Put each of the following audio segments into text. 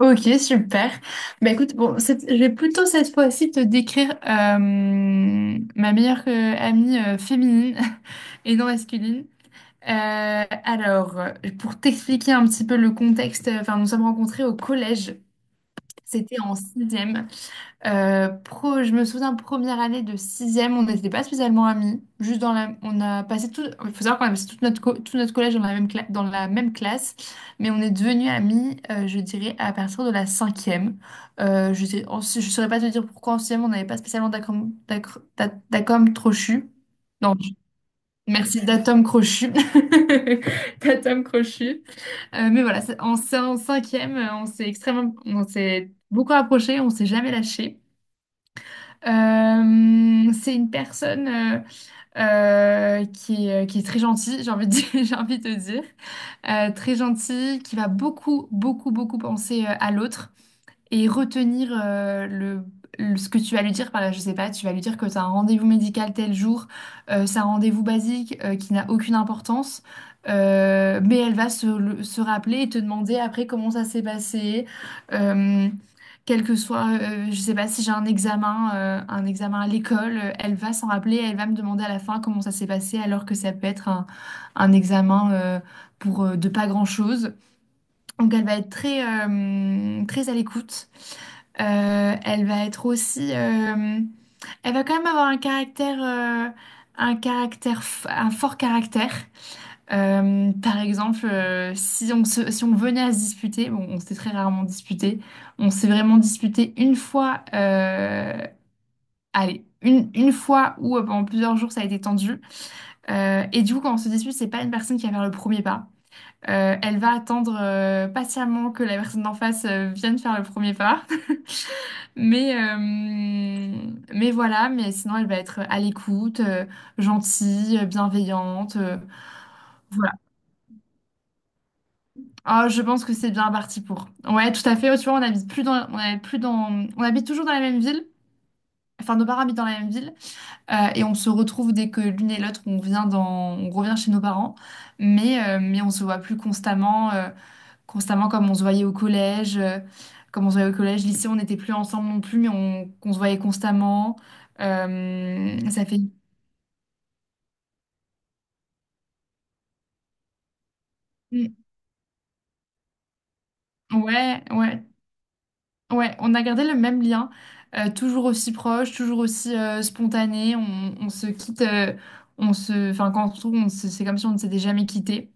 Ok, super. Bah écoute, bon, je vais plutôt cette fois-ci te décrire ma meilleure amie féminine et non masculine. Euh, alors, euh, pour t'expliquer un petit peu le contexte, enfin, nous sommes rencontrés au collège. C'était en sixième. Je me souviens, première année de sixième, on n'était pas spécialement amis. Juste dans la, on a passé tout, Il faut savoir qu'on a passé tout notre collège dans la dans la même classe, mais on est devenus amis, je dirais, à partir de la cinquième. Je saurais pas te dire pourquoi en sixième on n'avait pas spécialement d'accom crochu. Non, merci, d'atom crochu, d'atom crochu. Mais voilà, c'est en cinquième, on s'est beaucoup approché, on s'est jamais lâché. C'est une personne qui est très gentille, j'ai envie de dire- j'ai envie de te dire. Très gentille, qui va beaucoup, beaucoup, beaucoup penser à l'autre et retenir ce que tu vas lui dire par là, je sais pas, tu vas lui dire que tu as un rendez-vous médical tel jour, c'est un rendez-vous basique qui n'a aucune importance, mais elle va se rappeler et te demander après comment ça s'est passé, euh, quel que soit, je sais pas si j'ai un examen à l'école, elle va s'en rappeler, elle va me demander à la fin comment ça s'est passé alors que ça peut être un examen pour de pas grand-chose. Donc elle va être très à l'écoute. Euh, elle va être aussi, euh, Elle va quand même avoir un un un fort caractère. Par exemple, si on venait à se disputer, bon, on s'est très rarement disputé. On s'est vraiment disputé une fois. Une fois où pendant plusieurs jours ça a été tendu. Et du coup, quand on se dispute, c'est pas une personne qui va faire le premier pas. Elle va attendre patiemment que la personne d'en face vienne faire le premier pas. Mais, euh, mais voilà, mais sinon elle va être à l'écoute, gentille, bienveillante. Voilà. Ah, je pense que c'est bien parti pour. Ouais, tout à fait. Oh, tu vois, on habite toujours dans la même ville. Enfin, nos parents habitent dans la même ville et on se retrouve dès que l'une et l'autre on revient chez nos parents, mais on se voit plus constamment. Constamment comme on se voyait au collège, comme on se voyait au collège, lycée, on n'était plus ensemble non plus, qu'on se voyait constamment. Ça fait... Mm. Ouais, ouais, ouais, on a gardé le même lien, toujours aussi proche, toujours aussi spontané, on se quitte, Enfin, quand on se trouve, c'est comme si on ne s'était jamais quitté.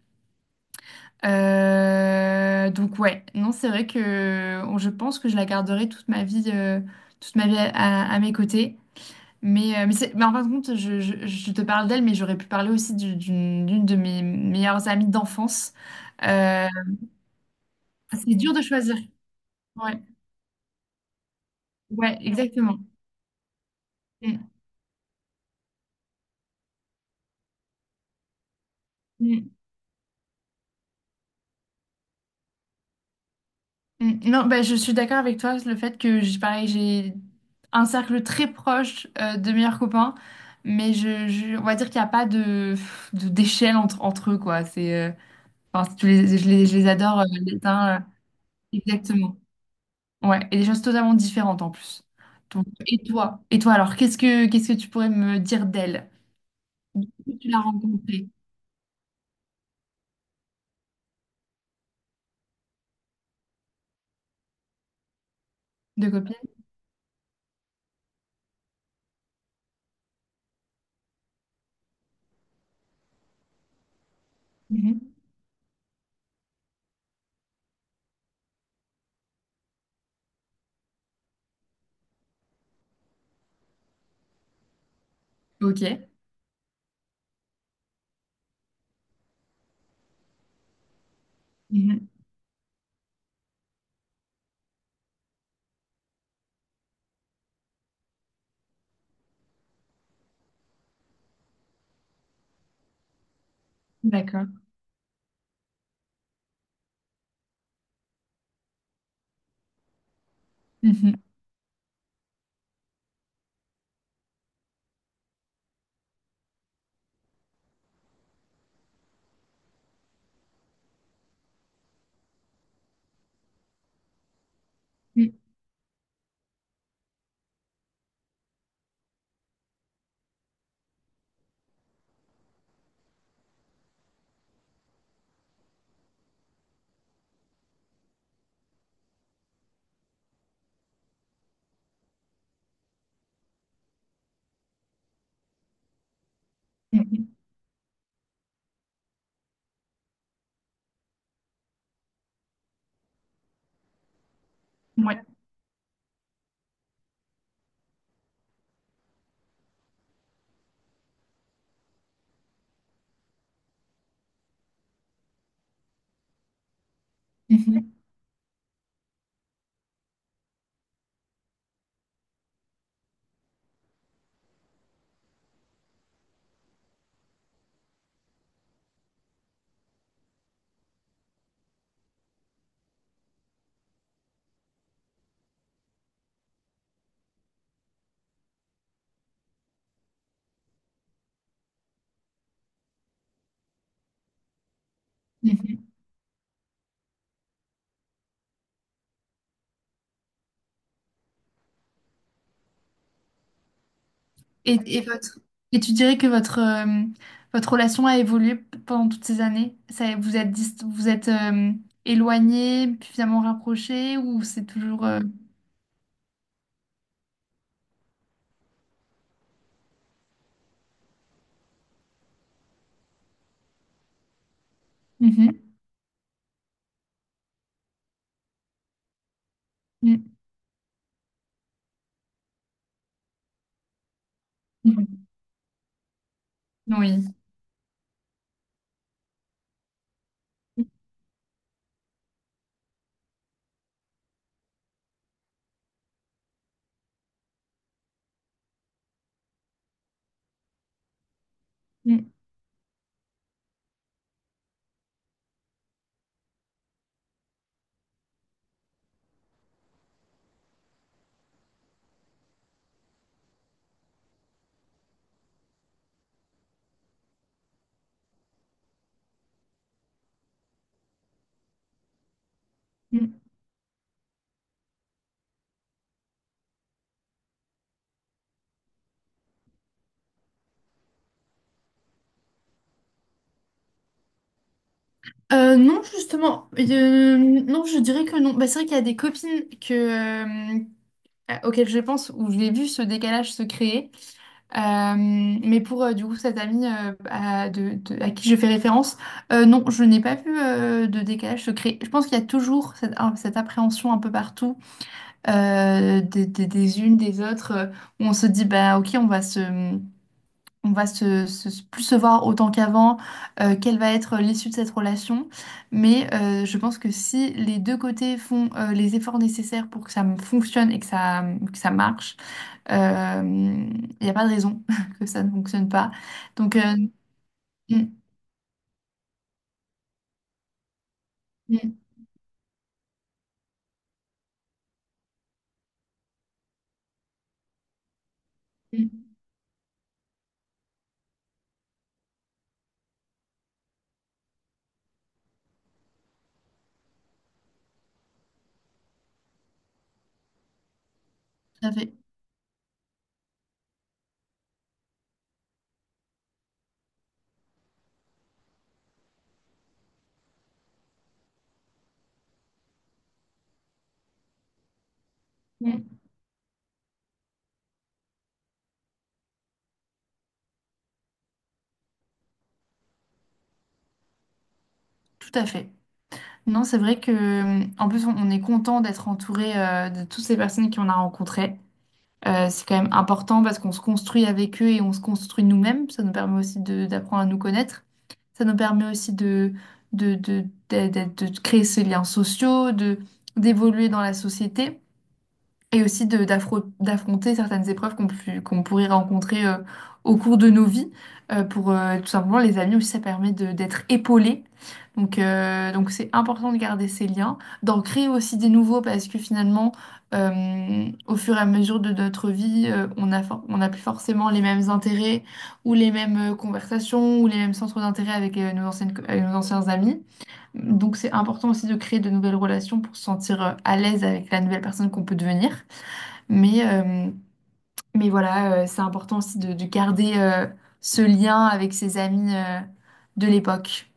Donc ouais, non, c'est vrai que je pense que je la garderai toute ma vie, toute ma vie à, à mes côtés. Mais en fin de compte, je te parle d'elle, mais j'aurais pu parler aussi d'une de mes meilleures amies d'enfance. Euh, c'est dur de choisir. Ouais, ouais, exactement. Mm, mm, mm. Non, bah, je suis d'accord avec toi, le fait que j'ai pareil, j'ai un cercle très proche de meilleurs copains, mais on va dire qu'il n'y a pas d'échelle entre eux, quoi. Enfin, je les adore les uns, exactement. Ouais, et des choses totalement différentes en plus. Donc, et toi? Et toi, alors, qu'est-ce que tu pourrais me dire d'elle? Depuis que tu l'as rencontrée de copine? Mhm. Ok. Mhm. D'accord. Mhm. Mhm. Mhm. Ouais. Mhm. Mhm. Et, et votre et tu dirais que votre votre relation a évolué pendant toutes ces années? Ça, vous êtes éloignés, puis finalement rapprochés, ou c'est toujours Mhm. Mhm. Mhm. Oui. Mhm. Non, justement, non, je dirais que non. Bah, c'est vrai qu'il y a des copines auxquelles je pense où j'ai vu ce décalage se créer. Mais pour du coup cette amie à qui je fais référence, non, je n'ai pas vu de décalage se créer. Je pense qu'il y a toujours cette appréhension un peu partout des unes, des autres, où on se dit, bah ok, on va plus se voir autant qu'avant, quelle va être l'issue de cette relation. Mais je pense que si les deux côtés font les efforts nécessaires pour que ça me fonctionne et que ça marche, il n'y a pas de raison que ça ne fonctionne pas. Donc, mm, mm, mm, mm, tout à fait. Mm, tout à fait. Non, c'est vrai que, en plus, on est content d'être entouré de toutes ces personnes qu'on a rencontrées. C'est quand même important parce qu'on se construit avec eux et on se construit nous-mêmes. Ça nous permet aussi d'apprendre à nous connaître. Ça nous permet aussi de, de, de créer ces liens sociaux, de, d'évoluer dans la société et aussi d'affronter certaines épreuves qu'on pourrait rencontrer au cours de nos vies. Pour Tout simplement, les amis aussi, ça permet d'être épaulé. Donc c'est important de garder ces liens, d'en créer aussi des nouveaux parce que finalement, au fur et à mesure de notre vie, on n'a plus forcément les mêmes intérêts ou les mêmes conversations ou les mêmes centres d'intérêt avec avec nos anciens amis. Donc, c'est important aussi de créer de nouvelles relations pour se sentir à l'aise avec la nouvelle personne qu'on peut devenir. Mais, euh, mais voilà, c'est important aussi de garder ce lien avec ses amis de l'époque.